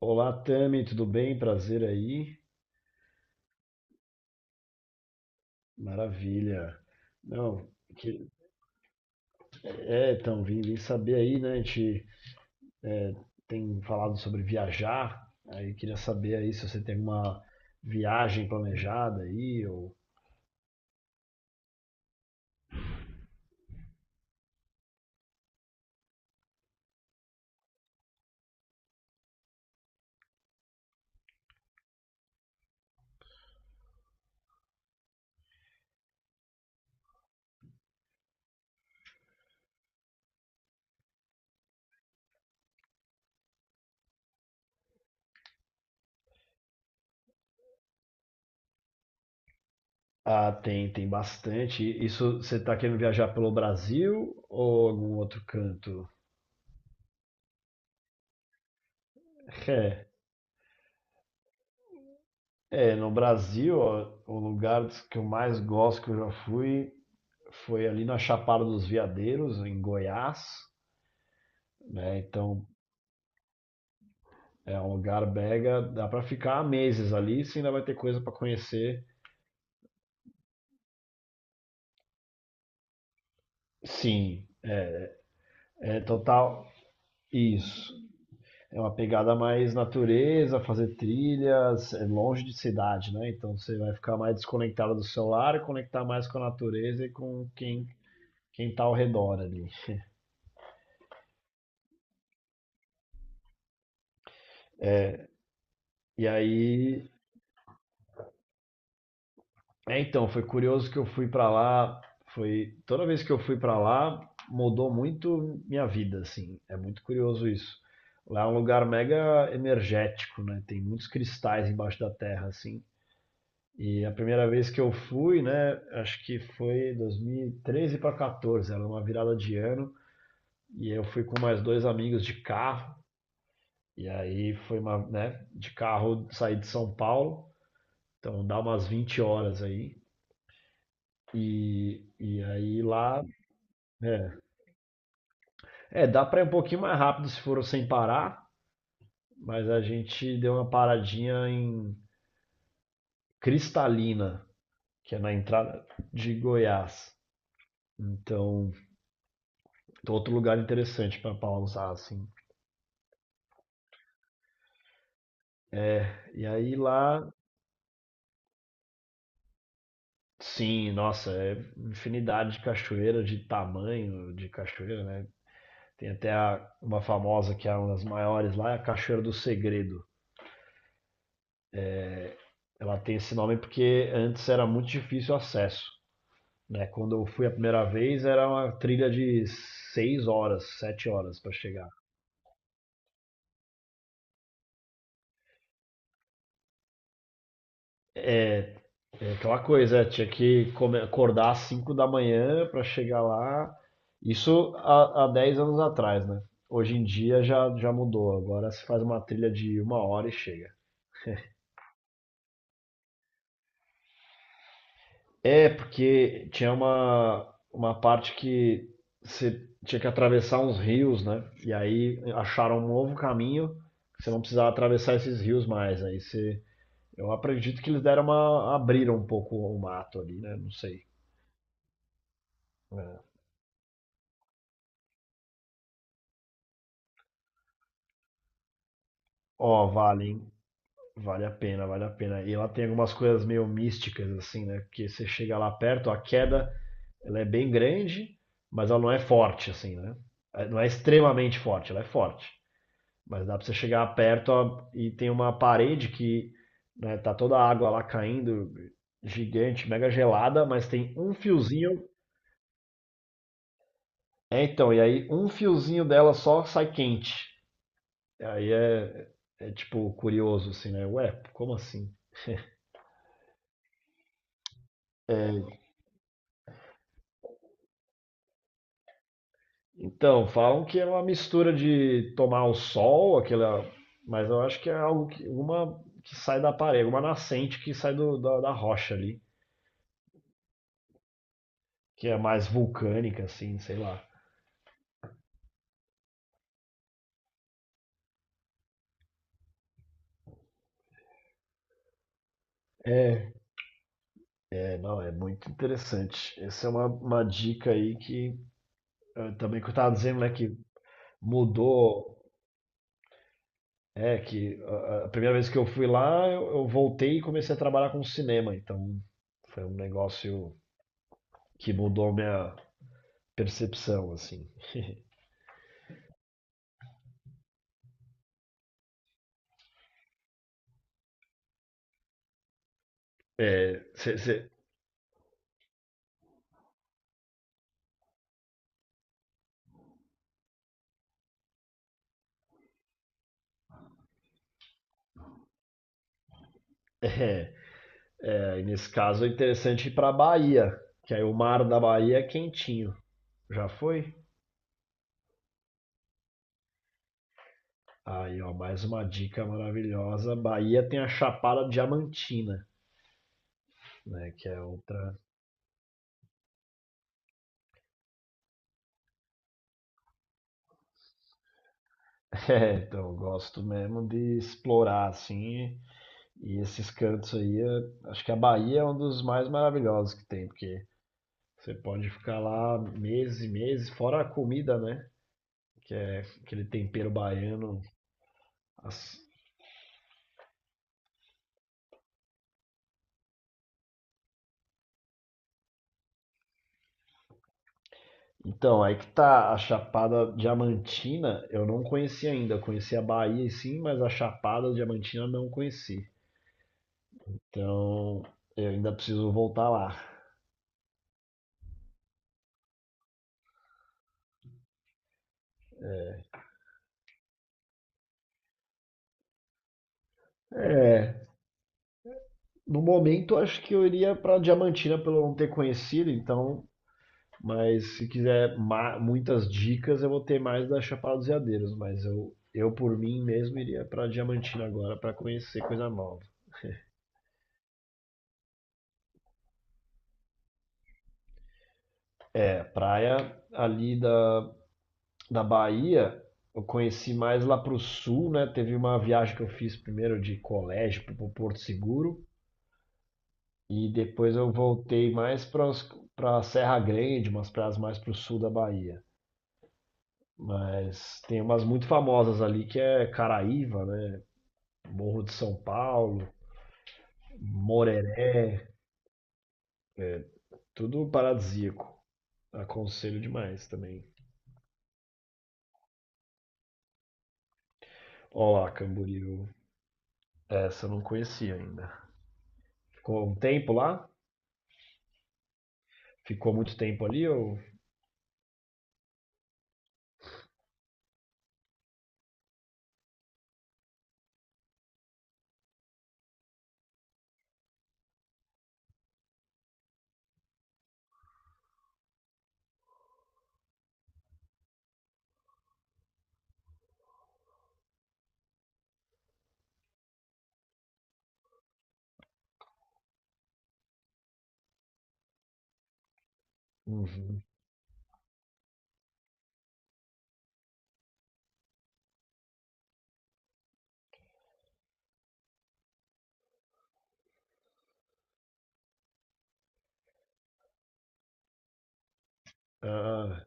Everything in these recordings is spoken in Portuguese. Olá, Tami, tudo bem? Prazer aí. Maravilha. Não, que- vim, saber aí, né? A gente é, tem falado sobre viajar, aí queria saber aí se você tem alguma viagem planejada aí, ou... Ah, tem, tem bastante. Isso, você está querendo viajar pelo Brasil ou algum outro canto? É, no Brasil, ó, o lugar que eu mais gosto que eu já fui foi ali na Chapada dos Veadeiros, em Goiás, né? Então, é um lugar mega, dá para ficar meses ali, se ainda vai ter coisa para conhecer. Sim, é total isso. É uma pegada mais natureza, fazer trilhas, é longe de cidade, né? Então você vai ficar mais desconectado do celular e conectar mais com a natureza e com quem tá ao redor ali. E aí é, então, foi curioso que eu fui pra lá, foi toda vez que eu fui pra lá, mudou muito minha vida, assim. É muito curioso isso. Lá é um lugar mega energético, né? Tem muitos cristais embaixo da terra, assim. E a primeira vez que eu fui, né, acho que foi 2013 para 14, era uma virada de ano, e eu fui com mais dois amigos de carro, e aí foi uma, né, de carro, saí de São Paulo, então dá umas 20 horas aí. E aí lá é, é, dá para ir um pouquinho mais rápido se for sem parar, mas a gente deu uma paradinha em Cristalina, que é na entrada de Goiás. Então, outro lugar interessante pra pausar, assim. E aí lá, sim, nossa, é infinidade de cachoeira, de tamanho de cachoeira, né? Tem até uma famosa que é uma das maiores lá, é a Cachoeira do Segredo. Ela tem esse nome porque antes era muito difícil o acesso, né? Quando eu fui a primeira vez, era uma trilha de 6 horas, 7 horas para chegar. É, é aquela coisa, é, acordar às 5 da manhã para chegar lá. Isso há, há 10 anos atrás, né? Hoje em dia já, já mudou. Agora se faz uma trilha de uma hora e chega. É, porque tinha uma parte que você tinha que atravessar uns rios, né? E aí acharam um novo caminho, que você não precisava atravessar esses rios mais. Aí você... Eu acredito que eles deram uma... abriram um pouco o mato ali, né? Não sei. É. Ó, vale, hein? Vale a pena, vale a pena. E ela tem algumas coisas meio místicas, assim, né? Porque você chega lá perto, a queda, ela é bem grande, mas ela não é forte, assim, né? É, não é extremamente forte, ela é forte. Mas dá pra você chegar perto, ó, e tem uma parede que, né, tá toda a água lá caindo, gigante, mega gelada, mas tem um fiozinho. É, então, e aí um fiozinho dela só sai quente. Aí é, é tipo curioso assim, né? Ué, como assim? É, então, falam que é uma mistura de tomar o sol, aquela, mas eu acho que é algo que uma que sai da parede, uma nascente que sai da rocha ali, que é mais vulcânica assim, sei lá. É, é, não, é muito interessante. Essa é uma dica aí que também que eu estava dizendo, né, que mudou... É que a primeira vez que eu fui lá, eu voltei e comecei a trabalhar com cinema, então foi um negócio que mudou minha percepção, assim. É, cê- cê- é, é, e nesse caso é interessante ir pra Bahia, que aí o mar da Bahia é quentinho. Já foi? Aí, ó, mais uma dica maravilhosa. Bahia tem a Chapada Diamantina, né? Que é outra. É, então, eu gosto mesmo de explorar, assim. E esses cantos aí, acho que a Bahia é um dos mais maravilhosos que tem, porque você pode ficar lá meses e meses, fora a comida, né? Que é aquele tempero baiano. As- Então, aí que tá a Chapada Diamantina, eu não conheci ainda. Eu conheci a Bahia sim, mas a Chapada Diamantina eu não conheci. Então, eu ainda preciso voltar lá. É, no momento acho que eu iria pra Diamantina pelo não ter conhecido, então... Mas se quiser muitas dicas, eu vou ter mais da Chapada dos Veadeiros, mas eu por mim mesmo iria para Diamantina agora para conhecer coisa nova. É, praia ali da Bahia, eu conheci mais lá pro sul, né? Teve uma viagem que eu fiz primeiro de colégio pro Porto Seguro e depois eu voltei mais para Serra Grande, umas praias mais pro sul da Bahia. Mas tem umas muito famosas ali que é Caraíva, né? Morro de São Paulo. Moreré. Tudo paradisíaco. Aconselho demais também. Ó lá, Camboriú. Essa eu não conhecia ainda. Ficou um tempo lá? Ficou muito tempo ali ou? Uhum. Ah,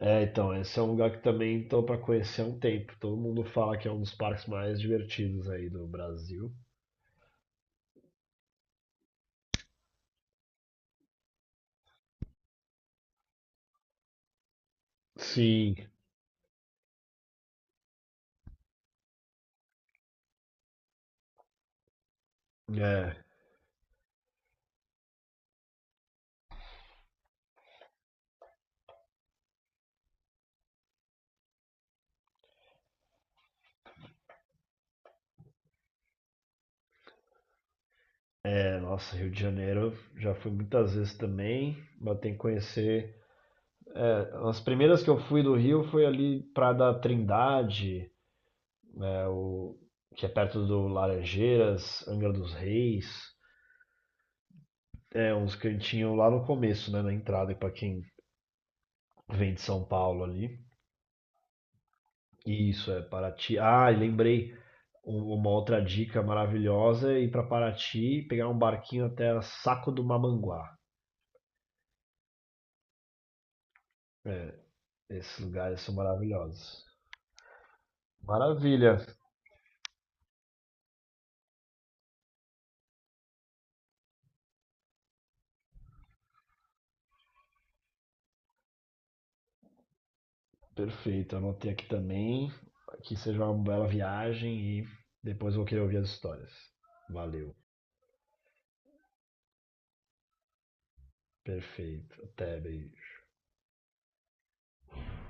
é, então, esse é um lugar que também tô para conhecer há um tempo. Todo mundo fala que é um dos parques mais divertidos aí do Brasil. Sim, é. É, nossa, Rio de Janeiro, já fui muitas vezes também, mas tem que conhecer. É, as primeiras que eu fui do Rio foi ali Praia da Trindade, né, o, que é perto do Laranjeiras, Angra dos Reis, é uns cantinhos lá no começo, né, na entrada, para quem vem de São Paulo ali. Isso, é Paraty. Ah, e lembrei uma outra dica maravilhosa, é ir para Paraty, e pegar um barquinho até a Saco do Mamanguá. É, esses lugares são maravilhosos. Maravilha, perfeito. Anotei aqui também. Que seja uma bela viagem e depois vou querer ouvir as histórias. Valeu. Perfeito. Até, beijo.